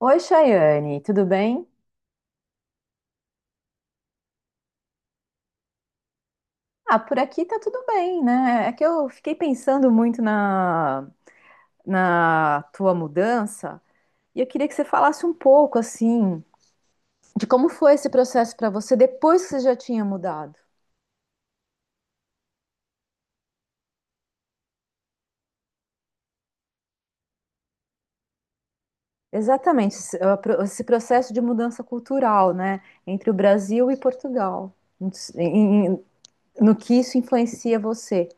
Oi, Chayane, tudo bem? Ah, por aqui tá tudo bem, né? É que eu fiquei pensando muito na tua mudança e eu queria que você falasse um pouco, assim, de como foi esse processo para você depois que você já tinha mudado. Exatamente, esse esse processo de mudança cultural, né? Entre o Brasil e Portugal. Em- em- No que isso influencia você.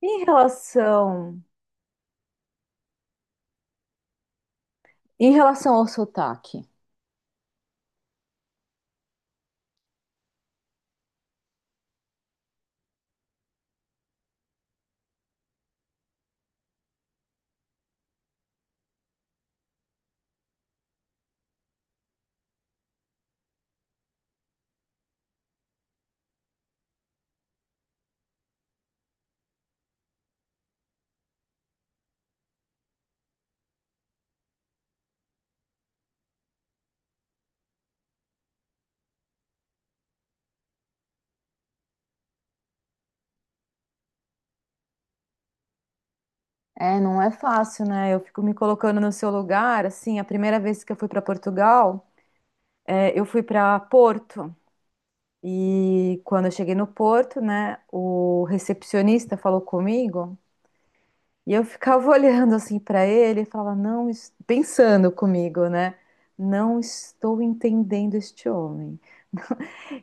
Em relação, Em relação ao sotaque. É, não é fácil, né? Eu fico me colocando no seu lugar. Assim, a primeira vez que eu fui para Portugal, é, eu fui para Porto. E quando eu cheguei no Porto, né, o recepcionista falou comigo e eu ficava olhando assim para ele e falava, não, pensando comigo, né? Não estou entendendo este homem.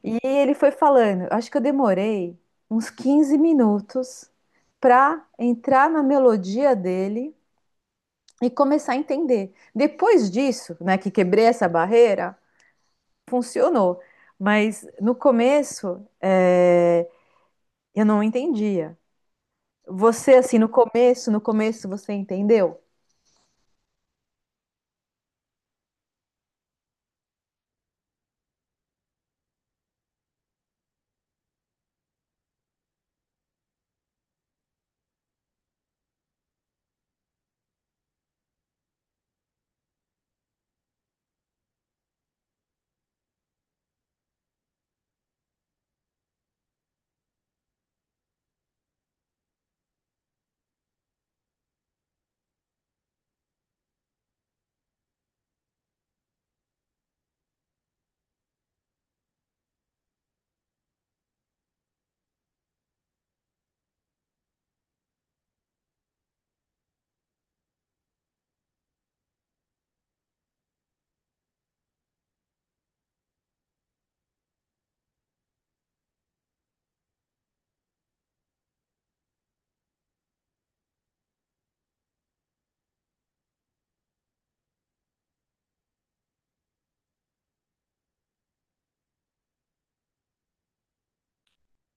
E ele foi falando, acho que eu demorei uns 15 minutos para entrar na melodia dele e começar a entender. Depois disso, né, que quebrei essa barreira, funcionou. Mas no começo, é, eu não entendia. Você, assim, no começo, no começo você entendeu?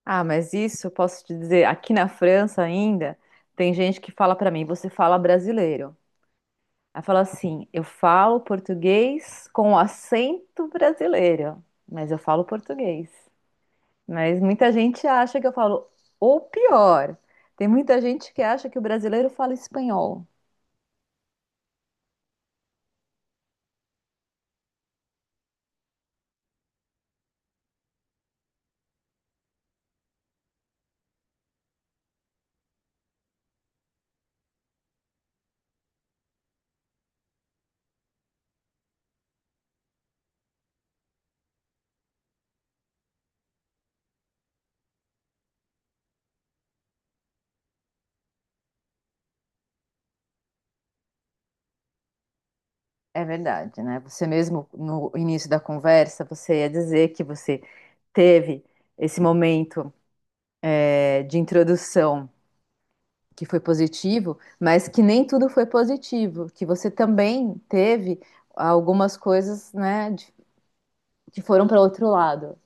Ah, mas isso eu posso te dizer, aqui na França ainda, tem gente que fala para mim, você fala brasileiro. Aí fala assim, eu falo português com acento brasileiro, mas eu falo português. Mas muita gente acha que eu falo, ou pior, tem muita gente que acha que o brasileiro fala espanhol. É verdade, né? Você mesmo, no início da conversa, você ia dizer que você teve esse momento, de introdução que foi positivo, mas que nem tudo foi positivo, que você também teve algumas coisas, que foram para outro lado.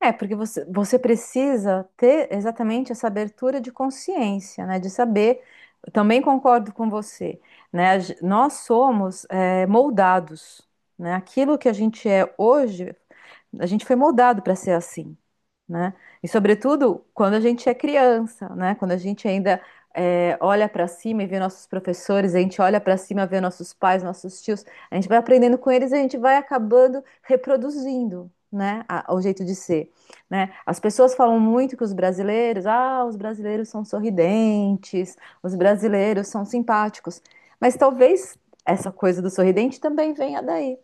É, porque você precisa ter exatamente essa abertura de consciência, né? De saber. Eu também concordo com você, né? Nós somos moldados, né? Aquilo que a gente é hoje a gente foi moldado para ser assim, né? E sobretudo quando a gente é criança, né? Quando a gente ainda é, olha para cima e vê nossos professores, a gente olha para cima, e vê nossos pais, nossos tios, a gente vai aprendendo com eles e a gente vai acabando reproduzindo, o jeito de ser, né? As pessoas falam muito que os brasileiros, ah, os brasileiros são sorridentes, os brasileiros são simpáticos, mas talvez essa coisa do sorridente também venha daí.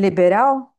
Liberal?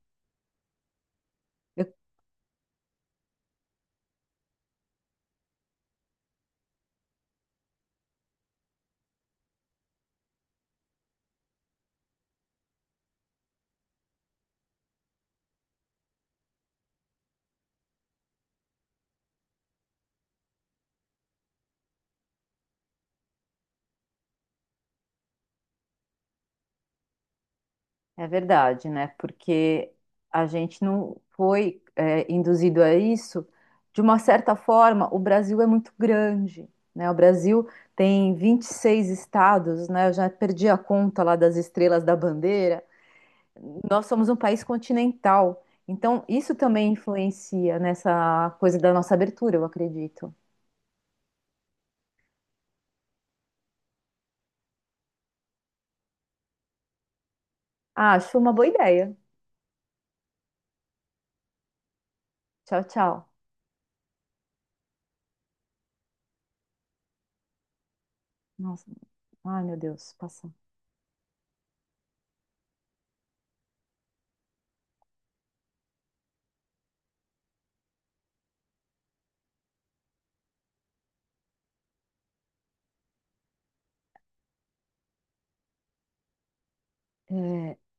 É verdade, né? Porque a gente não foi, é, induzido a isso. De uma certa forma, o Brasil é muito grande, né? O Brasil tem 26 estados, né? Eu já perdi a conta lá das estrelas da bandeira. Nós somos um país continental, então isso também influencia nessa coisa da nossa abertura, eu acredito. Ah, acho uma boa ideia. Tchau, tchau. Nossa, ai meu Deus, passa. É,